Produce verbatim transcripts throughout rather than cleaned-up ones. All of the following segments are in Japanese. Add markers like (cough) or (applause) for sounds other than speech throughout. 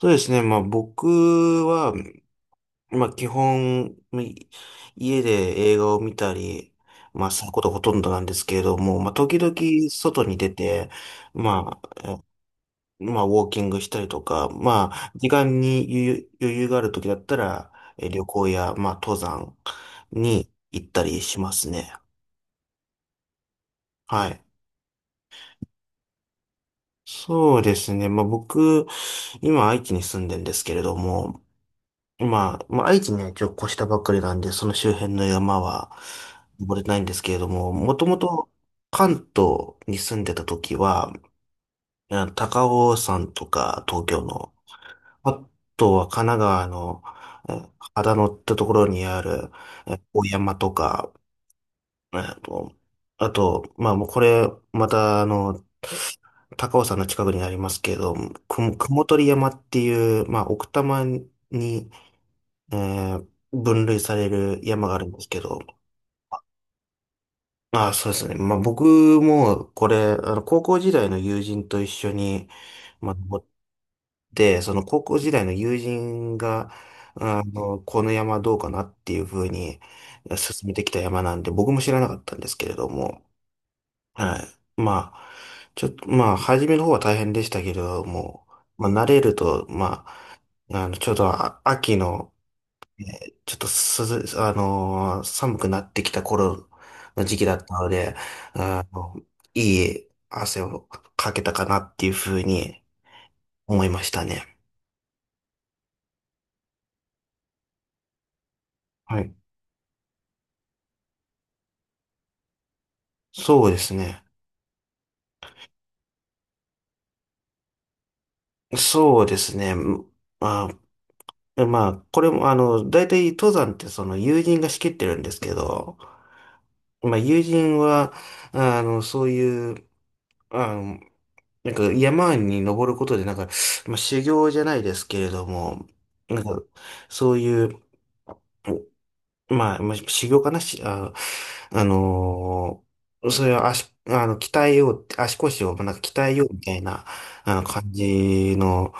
そうですね。まあ僕は、まあ基本、い家で映画を見たり、まあすることがほとんどなんですけれども、まあ時々外に出て、まあ、まあウォーキングしたりとか、まあ時間に余裕余裕がある時だったら、え旅行や、まあ登山に行ったりしますね。はい。そうですね。まあ僕、今愛知に住んでるんですけれども、まあ、まあ、愛知ね、一応越したばっかりなんで、その周辺の山は登れないんですけれども、もともと関東に住んでた時は、えー高尾山とか東京の、あとは神奈川の、えー秦野ってところにある、えー大山とか、えーと、あと、まあもうこれ、またあの、高尾山の近くになりますけれども、くも、雲取山っていう、まあ奥多摩に、えー分類される山があるんですけど、ああ、そうですね。まあ僕もこれ、あの、高校時代の友人と一緒に、まあ、登って、その高校時代の友人が、あの、この山どうかなっていうふうに進めてきた山なんで、僕も知らなかったんですけれども、はい。まあ、ちょっと、まあ、初めの方は大変でしたけれども、まあ、慣れると、まあ、あの、ちょうどあ秋の、ちょっと涼、あのー寒くなってきた頃の時期だったので、あの、いい汗をかけたかなっていうふうに思いましたね。はい。そうですね。そうですね。まあ、まあ、これも、あの、大体登山ってその友人が仕切ってるんですけど、まあ、友人は、あの、そういう、あの、なんか山に登ることで、なんか、まあ、修行じゃないですけれども、なんか、そういう、まあ、まあ修行かなし、あ、あのーそれは足、あの、鍛えようって、足腰をなんか鍛えようみたいな、あの、感じの、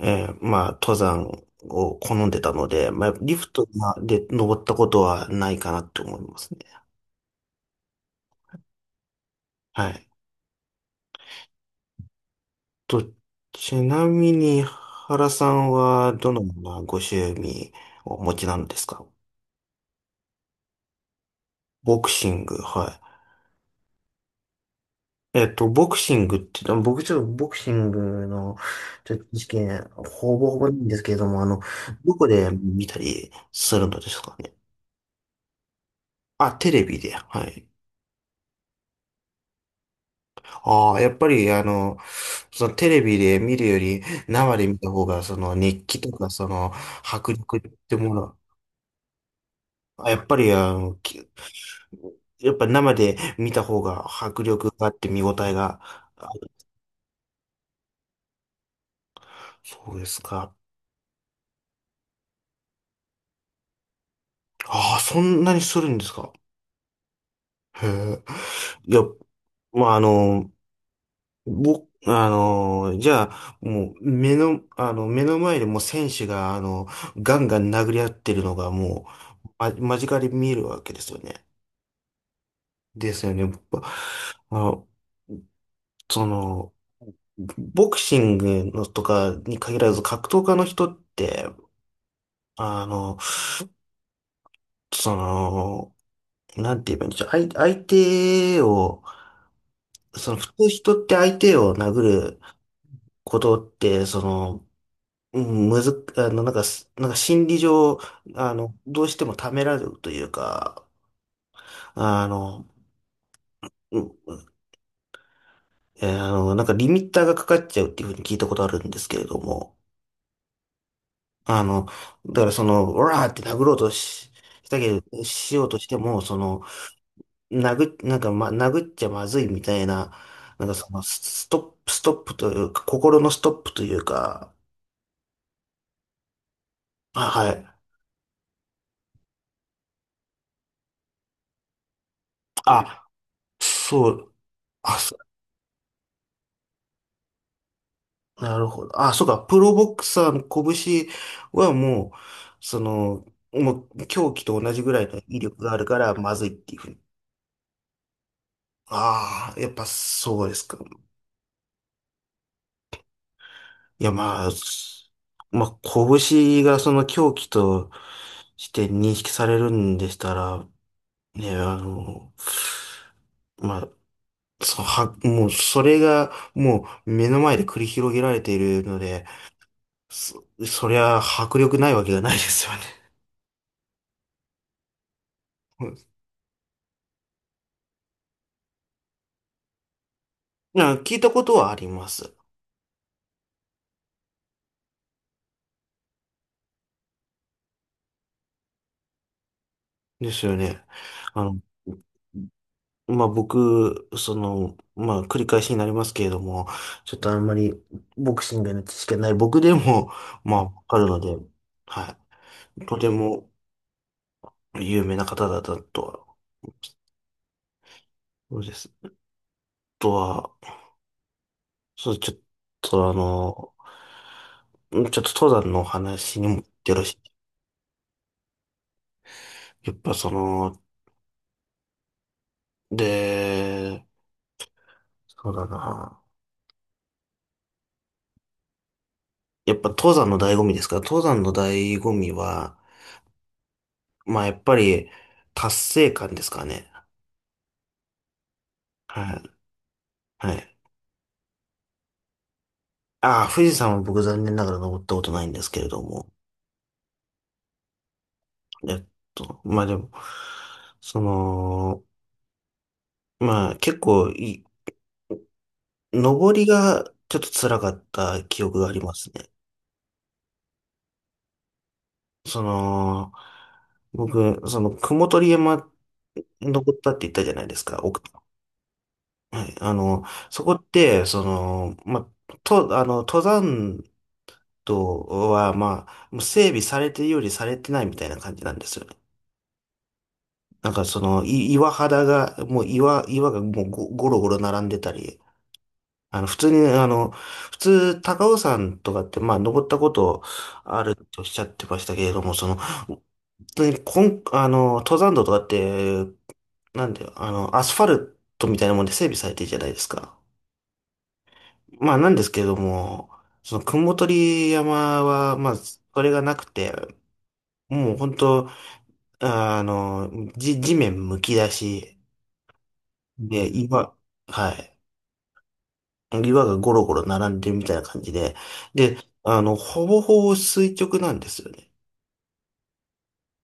えーまあ、登山を好んでたので、まあ、リフトまで登ったことはないかなと思いますね。はい。と、ちなみに、原さんはどのようなご趣味をお持ちなんですか？ボクシング、はい。えっと、ボクシングって、でも僕ちょっとボクシングのちょっと事件、ほぼほぼないんですけれども、あの、どこで見たりするのですかね？あ、テレビで、はい。ああ、やっぱり、あの、そのテレビで見るより生で見た方が、その熱気とか、その迫力ってもの、あ、やっぱり、あの、きやっぱ生で見た方が迫力があって見応えがある。そうですか。ああ、そんなにするんですか？へえ。いや、まあ、あの、僕、あの、じゃあ、もう、目の、あの、目の前でもう選手が、あの、ガンガン殴り合ってるのが、もう、ま、間近で見えるわけですよね。ですよね。ぼあ、その、ボクシングのとかに限らず、格闘家の人って、あの、その、なんて言えばいいんでしょう。相、相手を、その、普通人って相手を殴ることって、その、うん、むずっ、あの、なんかす、なんか心理上、あの、どうしてもためられるというか、あの、うん、えーあの、なんかリミッターがかかっちゃうっていうふうに聞いたことあるんですけれども、あの、だからその、オラーって殴ろうとし、したけど、しようとしても、その、殴っ、なんか、ま、殴っちゃまずいみたいな、なんかその、スストップ、ストップというか、心のストップというか、あ、はい。あ、そう。あなるほど。あ、そうか。プロボクサーの拳はもう、その、もう狂気と同じぐらいの威力があるから、まずいっていうふうに。ああ、やっぱそうですか。いや、まあ、すまあ、拳がその狂気として認識されるんでしたら、ね、あの、まあ、そのは、もう、それが、もう、目の前で繰り広げられているので、そ、そりゃ、迫力ないわけがないですよね。な聞いたことはあります。ですよね。あの、まあ、僕、その、まあ、繰り返しになりますけれども、ちょっとあんまりボクシングの知識がない僕でも、まあ、わかるので、はい。とても有名な方だったとは、そうです。あとは、そう、ちょっとあの、ちょっと登山のお話にもよってらしいやっぱその、で、そうだな。やっぱ登山の醍醐味ですから、登山の醍醐味は、まあ、やっぱり、達成感ですかね。はい。はい。ああ、富士山は僕残念ながら登ったことないんですけれども。えっと、まあでも、その、まあ結構い、登りがちょっと辛かった記憶がありますね。その、僕、その、雲取山登ったって言ったじゃないですか。奥はい。あの、そこって、その、まあ、と、あの、登山とは、まあ、もう整備されてるよりされてないみたいな感じなんですよね。なんかその、い岩肌が、もう岩、岩がもうゴゴロゴロ並んでたり、あの、普通に、あの、普通、高尾山とかって、まあ、登ったことあるとおっしゃってましたけれども、その、本当にこん、あの、登山道とかって、なんで、あの、アスファルトみたいなもんで整備されてるじゃないですか。まあ、なんですけれども、その、雲取山は、まあ、それがなくて、もう本当あの、じ、地面むき出しで、岩、はい。岩がゴロゴロ並んでるみたいな感じで。で、あの、ほぼほぼ垂直なんですよね。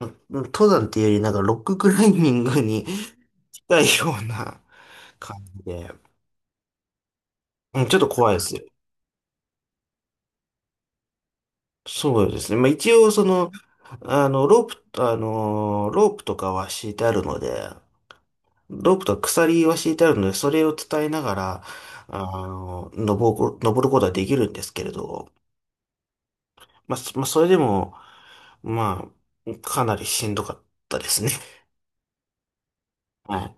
うん登山っていうより、なんかロッククライミングに (laughs) 近いような感じで。うんちょっと怖いですよ。そうですね。まあ一応、その、あの、ロープ、あの、ロープとかは敷いてあるので、ロープと鎖は敷いてあるので、それを伝えながら、あの、登る、登ることはできるんですけれど、まあ、そまあ、それでも、まあ、かなりしんどかったですね。(laughs) はい。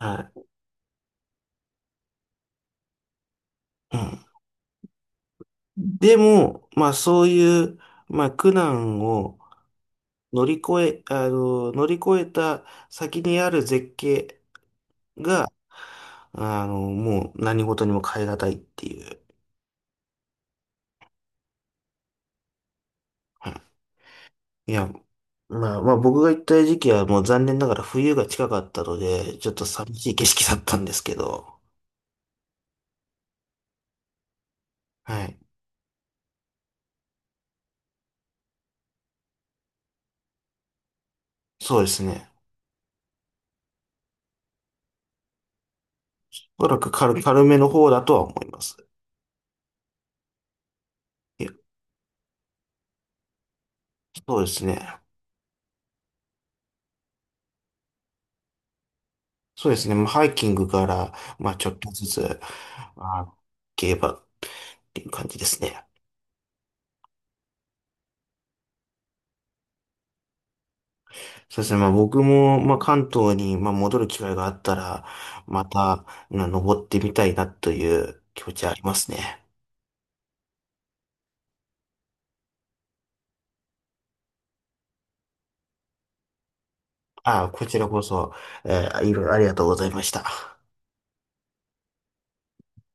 はい。うん。でも、まあ、そういう、まあ、苦難を乗り越え、あの、乗り越えた先にある絶景が、あの、もう何事にも代え難いっていう。いや、まあ、まあ僕が行った時期はもう残念ながら冬が近かったので、ちょっと寂しい景色だったんですけど、はい。そうですね。おそらく軽、軽めの方だとは思います。いや、そうですね。そうですね。まあ、ハイキングから、まあちょっとずつ、まあ、競馬っていう感じですね。そうですね。まあ僕も、まあ関東に、まあ戻る機会があったら、また、まあ登ってみたいなという気持ちはありますね。ああ、こちらこそ、えーいろいろありがとうございました。